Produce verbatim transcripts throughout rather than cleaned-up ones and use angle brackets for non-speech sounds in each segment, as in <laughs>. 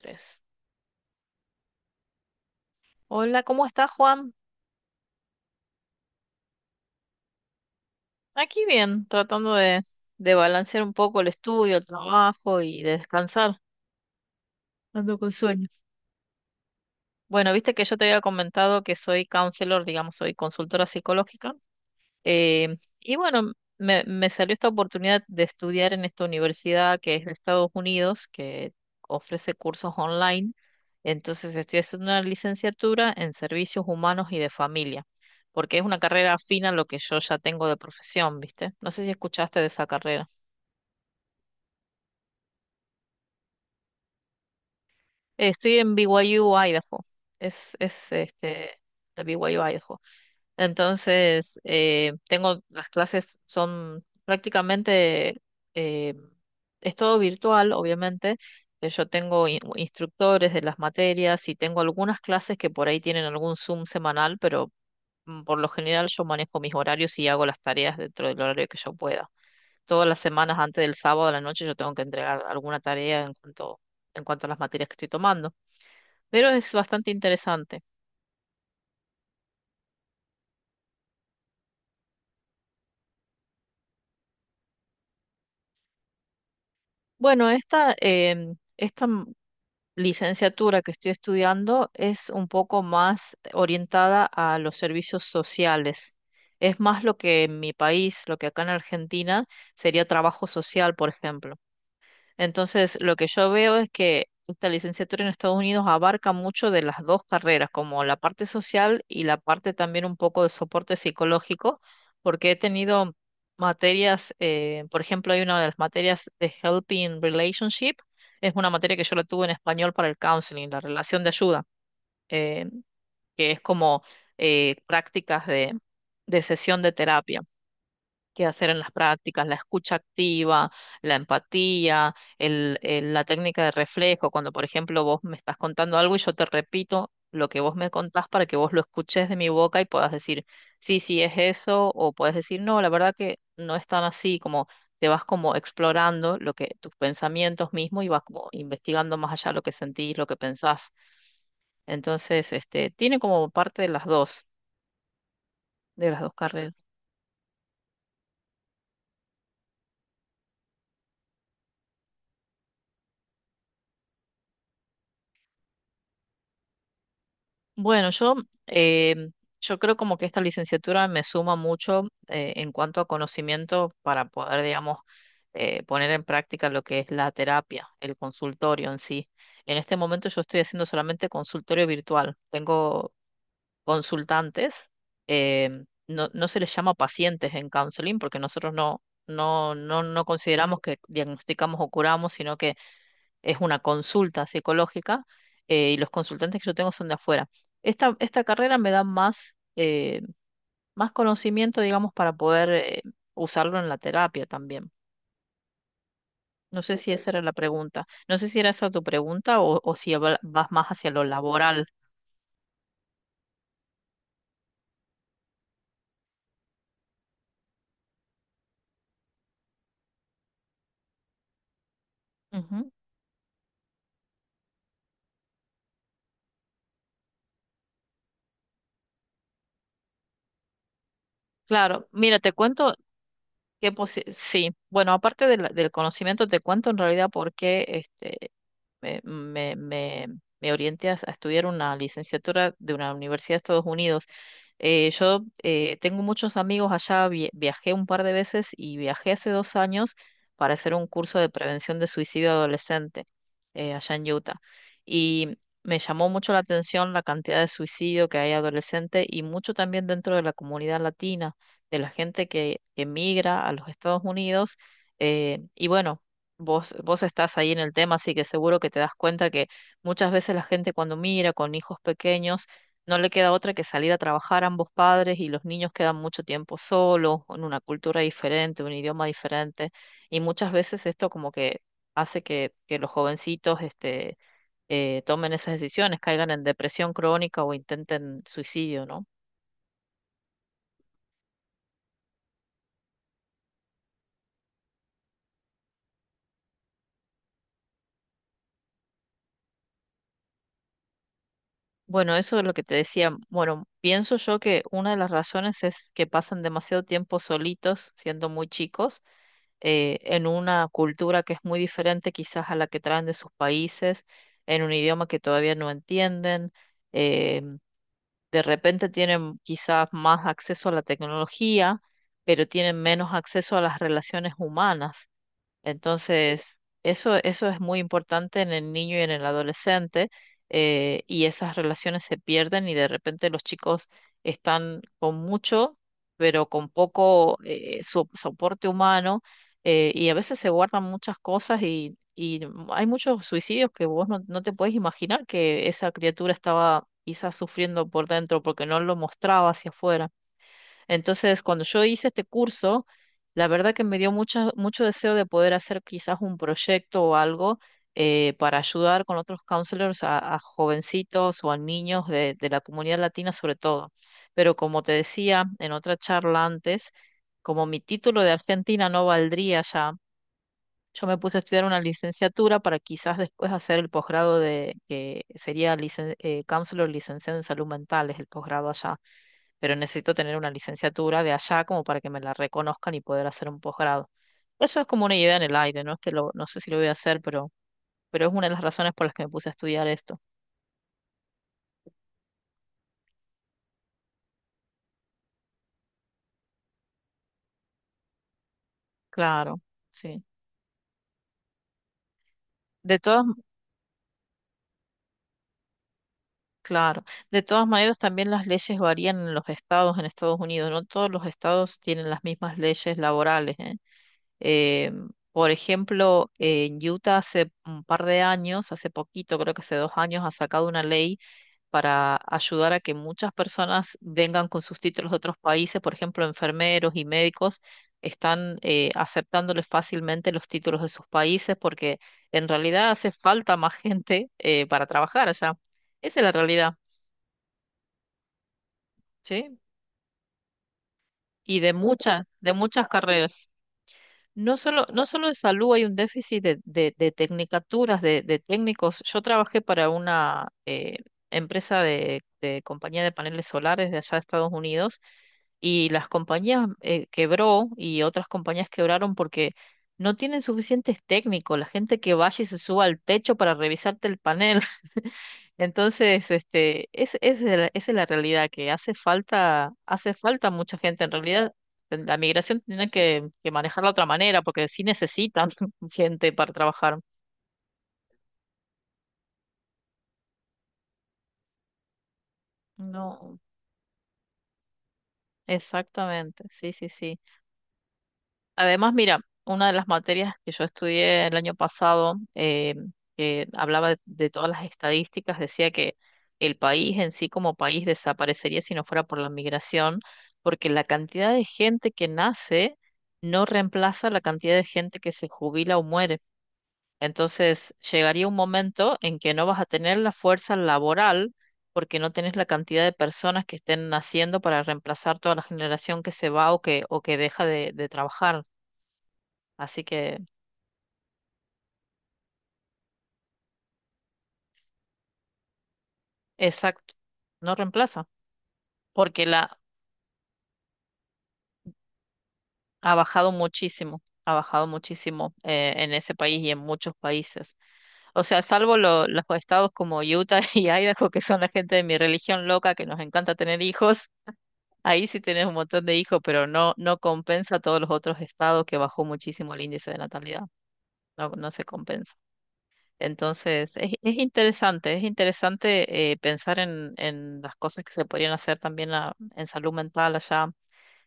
Tres. Hola, ¿cómo estás, Juan? Aquí bien, tratando de, de balancear un poco el estudio, el trabajo y de descansar. Ando con sueño. Bueno, viste que yo te había comentado que soy counselor, digamos, soy consultora psicológica. Eh, y bueno, me, me salió esta oportunidad de estudiar en esta universidad que es de Estados Unidos, que ofrece cursos online. Entonces estoy haciendo una licenciatura en servicios humanos y de familia, porque es una carrera afina a lo que yo ya tengo de profesión, ¿viste? No sé si escuchaste de esa carrera. Eh, estoy en B Y U, Idaho. Es, es este, el B Y U, Idaho. Entonces, eh, tengo, las clases son prácticamente, eh, es todo virtual, obviamente. Eh, Yo tengo in- instructores de las materias y tengo algunas clases que por ahí tienen algún Zoom semanal, pero mm, por lo general yo manejo mis horarios y hago las tareas dentro del horario que yo pueda. Todas las semanas antes del sábado a la noche yo tengo que entregar alguna tarea en cuanto, en cuanto a las materias que estoy tomando. Pero es bastante interesante. Bueno, esta, em, esta licenciatura que estoy estudiando es un poco más orientada a los servicios sociales. Es más lo que en mi país, lo que acá en Argentina sería trabajo social, por ejemplo. Entonces, lo que yo veo es que esta licenciatura en Estados Unidos abarca mucho de las dos carreras, como la parte social y la parte también un poco de soporte psicológico, porque he tenido materias, eh, por ejemplo, hay una de las materias de Helping Relationship, es una materia que yo la tuve en español para el counseling, la relación de ayuda, eh, que es como eh, prácticas de de sesión de terapia que hacer en las prácticas, la escucha activa, la empatía, el- el- la técnica de reflejo, cuando por ejemplo vos me estás contando algo y yo te repito lo que vos me contás para que vos lo escuches de mi boca y puedas decir, sí, sí, es eso, o puedes decir, no, la verdad que no es tan así, como te vas como explorando lo que tus pensamientos mismos y vas como investigando más allá lo que sentís, lo que pensás. Entonces, este, tiene como parte de las dos, de las dos, carreras. Bueno, yo, eh, yo creo como que esta licenciatura me suma mucho eh, en cuanto a conocimiento para poder, digamos, eh, poner en práctica lo que es la terapia, el consultorio en sí. En este momento yo estoy haciendo solamente consultorio virtual. Tengo consultantes, eh, no, no se les llama pacientes en counseling porque nosotros no, no, no, no consideramos que diagnosticamos o curamos, sino que es una consulta psicológica eh, y los consultantes que yo tengo son de afuera. Esta, esta carrera me da más, eh, más conocimiento, digamos, para poder eh, usarlo en la terapia también. No sé si esa era la pregunta. No sé si era esa tu pregunta o, o si habla- vas más hacia lo laboral. Ujú. Claro, mira, te cuento que posi- sí, bueno, aparte de la- del conocimiento, te cuento en realidad por qué este, eh, me, me, me orienté a, a estudiar una licenciatura de una universidad de Estados Unidos. Eh, yo eh, tengo muchos amigos allá, vi- viajé un par de veces y viajé hace dos años para hacer un curso de prevención de suicidio adolescente eh, allá en Utah. Y me llamó mucho la atención la cantidad de suicidio que hay adolescente y mucho también dentro de la comunidad latina, de la gente que emigra a los Estados Unidos. Eh, y bueno, Vos, vos estás ahí en el tema, así que seguro que te das cuenta que muchas veces la gente cuando mira con hijos pequeños no le queda otra que salir a trabajar ambos padres y los niños quedan mucho tiempo solos, en una cultura diferente, un idioma diferente. Y muchas veces esto como que hace que, que los jovencitos este, eh, tomen esas decisiones, caigan en depresión crónica o intenten suicidio, ¿no? Bueno, eso es lo que te decía. Bueno, pienso yo que una de las razones es que pasan demasiado tiempo solitos siendo muy chicos eh, en una cultura que es muy diferente quizás a la que traen de sus países, en un idioma que todavía no entienden. eh, de repente tienen quizás más acceso a la tecnología, pero tienen menos acceso a las relaciones humanas. Entonces, eso, eso es muy importante en el niño y en el adolescente, eh, y esas relaciones se pierden y de repente los chicos están con mucho, pero con poco eh, so- soporte humano, eh, y a veces se guardan muchas cosas y, y hay muchos suicidios que vos no, no te puedes imaginar que esa criatura estaba quizás sufriendo por dentro porque no lo mostraba hacia afuera. Entonces, cuando yo hice este curso, la verdad que me dio mucho, mucho deseo de poder hacer quizás un proyecto o algo eh, para ayudar con otros counselors a, a jovencitos o a niños de, de la comunidad latina sobre todo. Pero como te decía en otra charla antes, como mi título de Argentina no valdría ya, yo me puse a estudiar una licenciatura para quizás después hacer el posgrado de que sería licen- eh, counselor licenciado en salud mental, es el posgrado allá, pero necesito tener una licenciatura de allá como para que me la reconozcan y poder hacer un posgrado. Eso es como una idea en el aire, no es que lo, no sé si lo voy a hacer, pero, pero es una de las razones por las que me puse a estudiar esto. Claro, sí. De todas, claro. De todas maneras, también las leyes varían en los estados en Estados Unidos. No todos los estados tienen las mismas leyes laborales, ¿eh? Eh, por ejemplo, en Utah hace un par de años, hace poquito, creo que hace dos años, ha sacado una ley para ayudar a que muchas personas vengan con sus títulos de otros países, por ejemplo, enfermeros y médicos están eh, aceptándoles fácilmente los títulos de sus países porque en realidad hace falta más gente eh, para trabajar allá. Esa es la realidad, ¿sí? Y de muchas, de muchas carreras. No solo, no solo de salud, hay un déficit de, de, de tecnicaturas, de, de técnicos. Yo trabajé para una eh, empresa de, de compañía de paneles solares de allá de Estados Unidos y las compañías eh, quebró y otras compañías quebraron porque no tienen suficientes técnicos, la gente que vaya y se suba al techo para revisarte el panel. <laughs> Entonces, este, es, es la- esa es la realidad, que hace falta, hace falta mucha gente. En realidad, la migración tiene que, que manejarla de otra manera, porque sí necesitan <laughs> gente para trabajar. No, exactamente, sí, sí, sí. Además, mira, una de las materias que yo estudié el año pasado, eh, que hablaba de, de todas las estadísticas, decía que el país en sí como país desaparecería si no fuera por la migración, porque la cantidad de gente que nace no reemplaza la cantidad de gente que se jubila o muere. Entonces, llegaría un momento en que no vas a tener la fuerza laboral porque no tenés la cantidad de personas que estén naciendo para reemplazar toda la generación que se va o que, o que deja de de trabajar. Así que, exacto, no reemplaza, porque la ha bajado muchísimo, ha bajado muchísimo eh, en ese país y en muchos países. O sea, salvo lo- los estados como Utah <laughs> y Idaho, que son la gente de mi religión loca, que nos encanta tener hijos, ahí sí tenés un montón de hijos, pero no, no compensa a todos los otros estados que bajó muchísimo el índice de natalidad, no, no se compensa. Entonces, es, es interesante, es interesante eh, pensar en, en las cosas que se podrían hacer también a- en salud mental allá.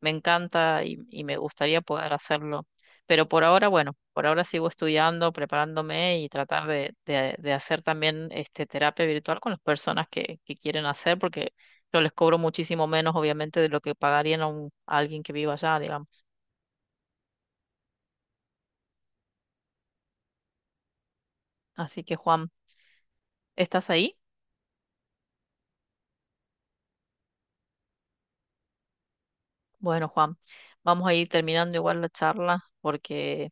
Me encanta y, y me gustaría poder hacerlo. Pero por ahora, bueno, por ahora sigo estudiando, preparándome y tratar de, de- de hacer también este, terapia virtual con las personas que, que quieren hacer, porque yo les cobro muchísimo menos, obviamente, de lo que pagarían a, un- a alguien que viva allá, digamos. Así que, Juan, ¿estás ahí? Bueno, Juan, vamos a ir terminando igual la charla porque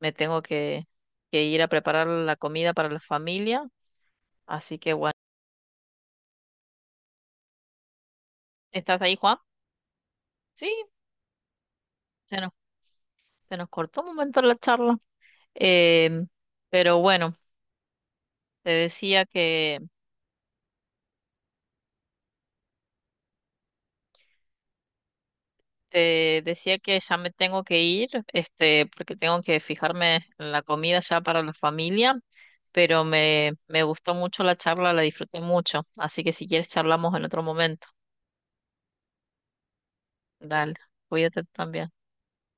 me tengo que, que ir a preparar la comida para la familia. Así que, ¿estás ahí, Juan? Sí, se nos Se nos cortó un momento la charla. Em, pero bueno, te decía que te decía que ya me tengo que ir, este, porque tengo que fijarme en la comida ya para la familia, pero me, me gustó mucho la charla, la disfruté mucho. Así que si quieres charlamos en otro momento. Dale, cuídate también.